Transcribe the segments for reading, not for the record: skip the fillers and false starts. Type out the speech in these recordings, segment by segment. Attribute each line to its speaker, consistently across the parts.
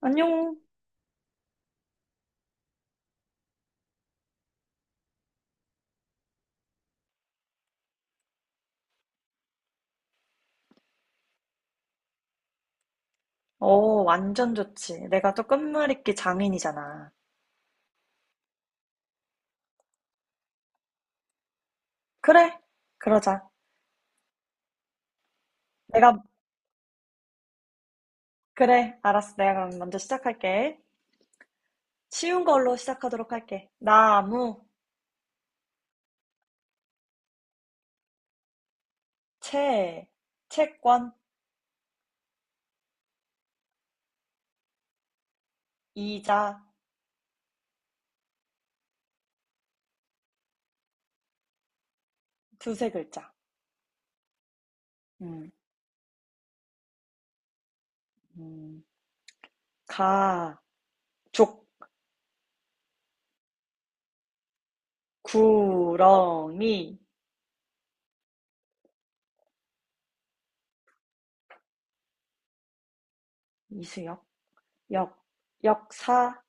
Speaker 1: 안녕. 어, 완전 좋지. 내가 또 끝말잇기 장인이잖아. 그래, 그러자. 내가, 그래, 알았어. 내가 그럼 먼저 시작할게. 쉬운 걸로 시작하도록 할게. 나무, 채, 채권, 이자, 두세 글자. 음, 음, 가, 족, 구렁이, 이수역, 역, 역사,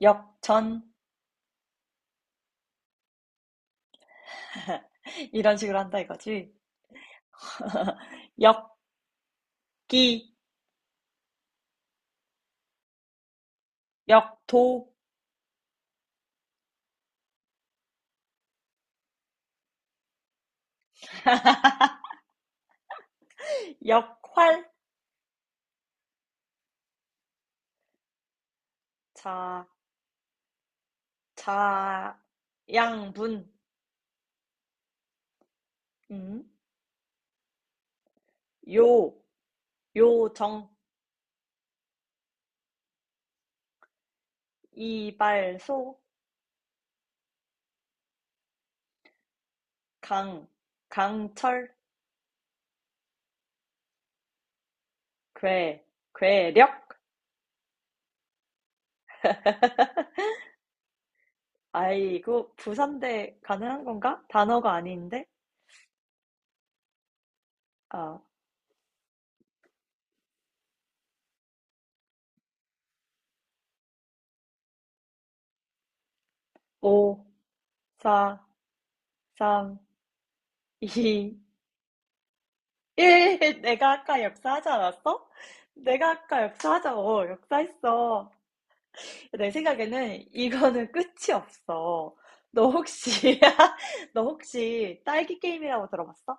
Speaker 1: 역전. 이런 식으로 한다 이거지. 역기, 역도, 역활, 자, 자, 양분, 음, 요, 요정, 이발소, 강, 강철, 괴, 괴력. 아이고, 부산대 가능한 건가? 단어가 아닌데? 아, 5, 4, 3, 2, 1. 내가 아까 역사하지 않았어? 내가 아까 역사하자. 어, 역사했어. 내 생각에는 이거는 끝이 없어. 너 혹시, 너 혹시 딸기 게임이라고 들어봤어?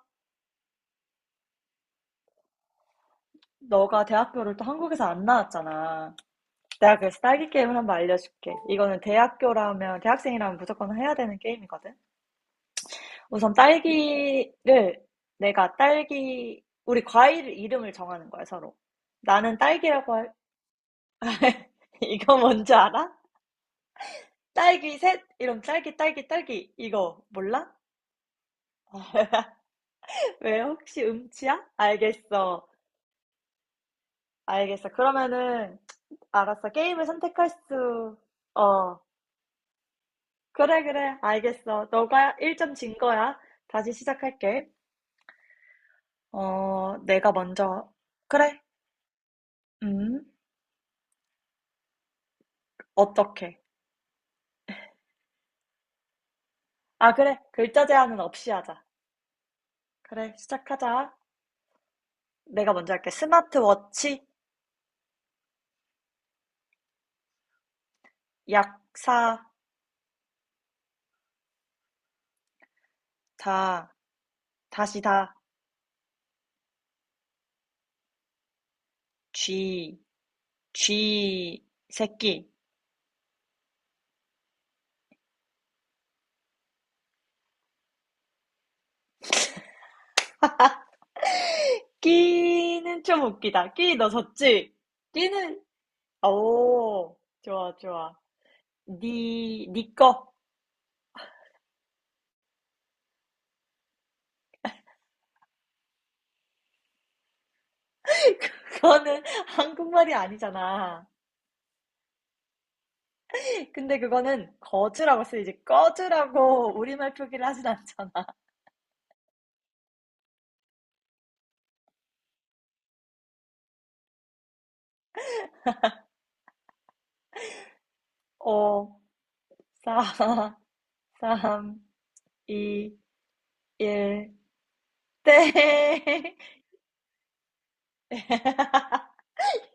Speaker 1: 너가 대학교를 또 한국에서 안 나왔잖아. 내가 그래서 딸기 게임을 한번 알려줄게. 이거는 대학교라면, 대학생이라면 무조건 해야 되는 게임이거든. 우선 딸기를, 내가 딸기, 우리 과일 이름을 정하는 거야, 서로. 나는 딸기라고 할, 이거 뭔지 알아? 딸기 셋? 이런 딸기, 딸기, 딸기. 이거 몰라? 왜요? 혹시 음치야? 알겠어. 알겠어. 그러면은, 알았어. 게임을 선택할 수, 어. 그래, 그래. 알겠어. 너가 1점 진 거야. 다시 시작할게. 어, 내가 먼저. 그래. 음, 어떻게? 아, 그래. 글자 제한은 없이 하자. 그래, 시작하자. 내가 먼저 할게. 스마트워치, 약사, 다, 다시 다, 쥐, 쥐, 새끼. 끼는 좀 웃기다. 끼 너 졌지? 끼는 오 좋아 좋아. 니니거 그거는 한국말이 아니잖아. 근데 그거는 거즈라고 쓰이지 꺼즈라고 우리말 표기를 하진 않잖아. 5, 4, 3, 2, 1, 땡!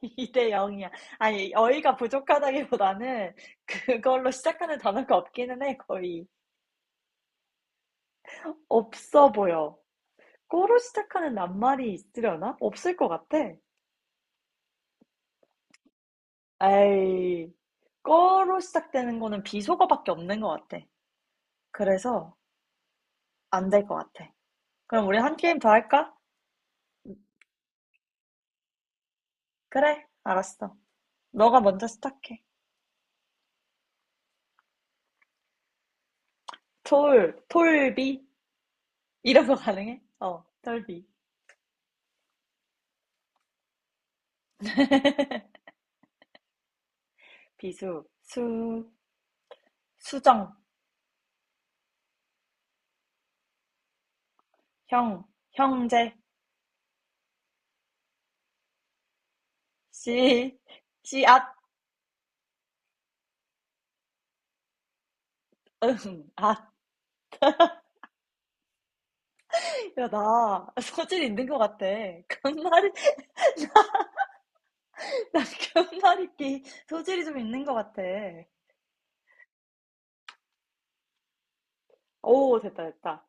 Speaker 1: 2대 0이야. 아니, 어이가 부족하다기보다는 그걸로 시작하는 단어가 없기는 해, 거의. 없어 보여. 꺼로 시작하는 낱말이 있으려나? 없을 것 같아. 에이, 꺼로 시작되는 거는 비속어밖에 없는 것 같아. 그래서 안 될 것 같아. 그럼 우리 한 게임 더 할까? 그래, 알았어. 너가 먼저 시작해. 톨, 톨비 이런 거 가능해? 어, 톨비. 비수, 수, 수정, 형, 형제, 씨, 씨앗, 응, 앗. 야, 나 소질이 있는 것 같아. 견말이, 나 견말잇기 소질이 좀 있는 것 같아. 오, 됐다, 됐다.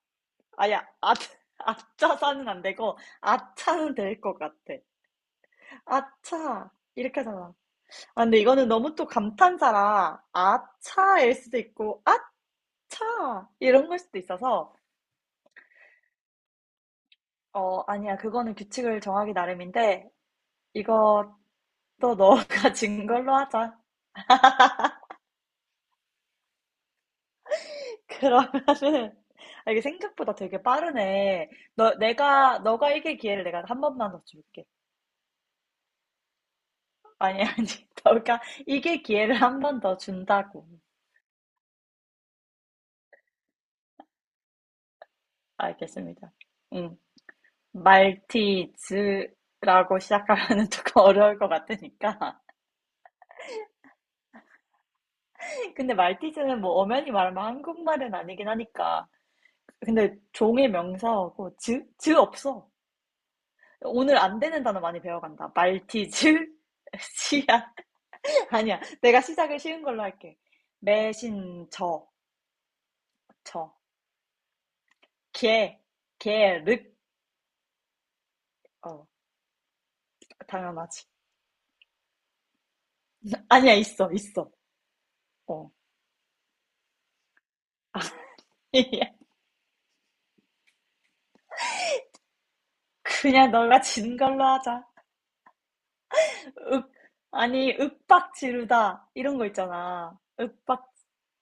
Speaker 1: 아야, 아, 아차사는 안 되고, 아차는 될 것 같아. 아차. 이렇게 하잖아. 아, 근데 이거는 너무 또 감탄사라, 아차일 수도 있고, 아차! 이런 걸 수도 있어서, 어, 아니야. 그거는 규칙을 정하기 나름인데, 이것도 너가 진 걸로 하자. 그러면은 아 이게 생각보다 되게 빠르네. 너 내가 너가 이길 기회를 내가 한 번만 더 줄게. 아니 아니 너가 이길 기회를 한 번 더 준다고. 알겠습니다. 응. 말티즈라고 시작하면은 조금 어려울 것 같으니까. 근데 말티즈는 뭐 엄연히 말하면 한국말은 아니긴 하니까. 근데 종의 명사하고 즈? 즈 없어. 오늘 안 되는 단어 많이 배워간다. 말티즈, 씨앗, 아니야. 내가 시작을 쉬운 걸로 할게. 매신, 저. 개, 개, 륵. 어, 당연하지. 아니야, 있어, 있어. 어. 그냥 너가 진 걸로 하자. 윽, 아니, 윽박 지르다. 이런 거 있잖아. 윽박,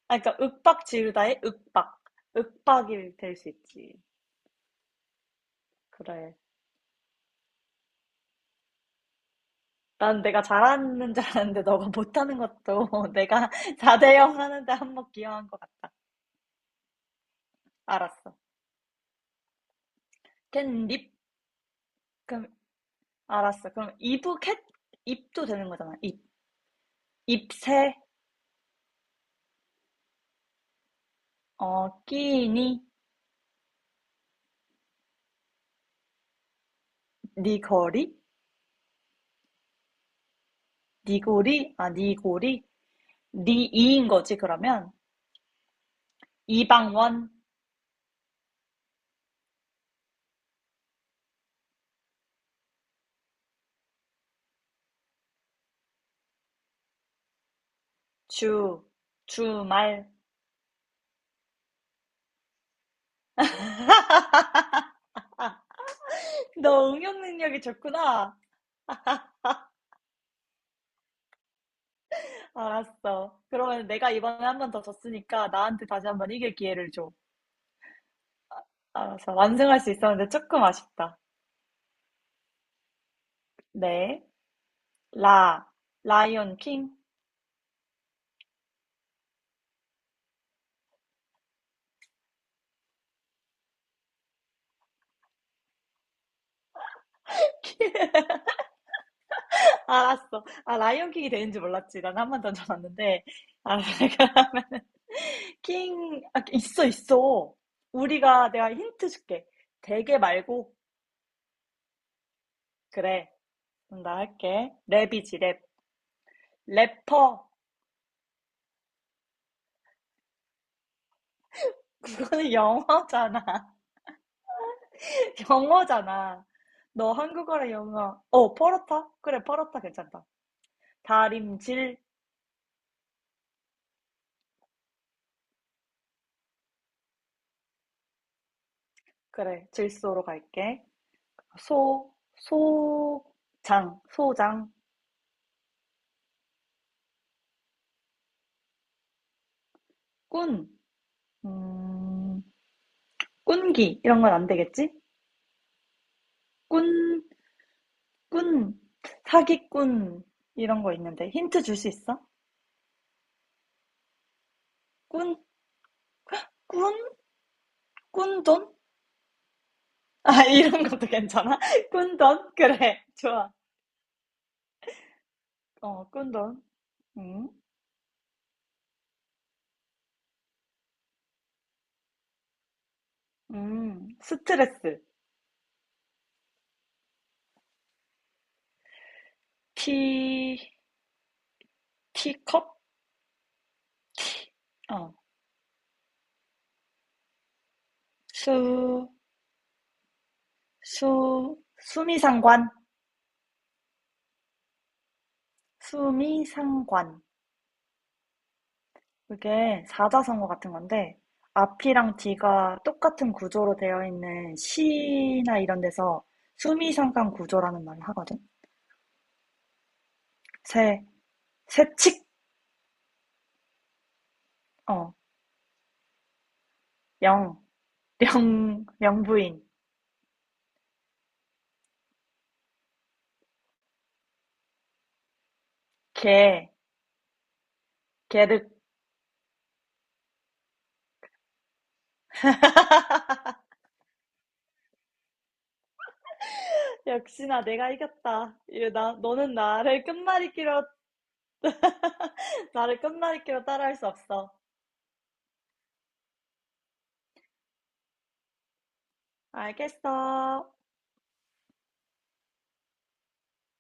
Speaker 1: 아, 그러니까 윽박 지르다의 윽박. 윽박이 될 수 있지. 그래. 난 내가 잘하는 줄 알았는데 너가 못하는 것도 내가 4대0 하는데 한 번 기여한 것 같아. 알았어. 캣닙? 그럼 알았어. 그럼 이북햇 입도 되는 거잖아. 입 입새 어 끼니 니거리 니고리 아 니고리 니이인 거지 그러면 이방원 주 주말 아, 너 응용 능력이 좋구나. 알았어. 그러면 내가 이번에 한 번 더 졌으니까 나한테 다시 한 번 이길 기회를 줘. 알았어. 완승할 수 있었는데 조금 아쉽다. 네. 라 라이온 킹. 알았어. 아, 라이언킹이 되는지 몰랐지. 난 한 번 던져놨는데. 아, 그러면은, 킹, 아, 있어, 있어. 우리가, 내가 힌트 줄게. 대게 말고, 그래. 그럼 나 할게. 랩이지, 랩. 래퍼. 그거는 영어잖아. 영어잖아. 너 한국어랑 영어. 어, 퍼렇다? 그래, 퍼렇다 괜찮다. 다림질. 그래, 질소로 갈게. 소, 소장, 꾼. 음, 꾼기 이런 건 안 되겠지? 꾼, 꾼, 사기꾼 이런 거 있는데 힌트 줄 수 있어? 꾼, 꾼, 꾼돈? 아, 이런 것도 괜찮아? 꾼돈? 그래, 좋아. 어, 꾼돈. 음, 스트레스. 티, 티컵? 티, 어, 수, 수미상관. 수미상관. 그게 사자성어 같은 건데, 앞이랑 뒤가 똑같은 구조로 되어 있는 시나 이런 데서 수미상관 구조라는 말을 하거든? 새, 새칙, 어, 영, 령, 명부인, 개, 개득. 역시나 내가 이겼다. 이거 나, 너는 나를 끝말잇기로, 나를 끝말잇기로 따라할 수 없어. 알겠어.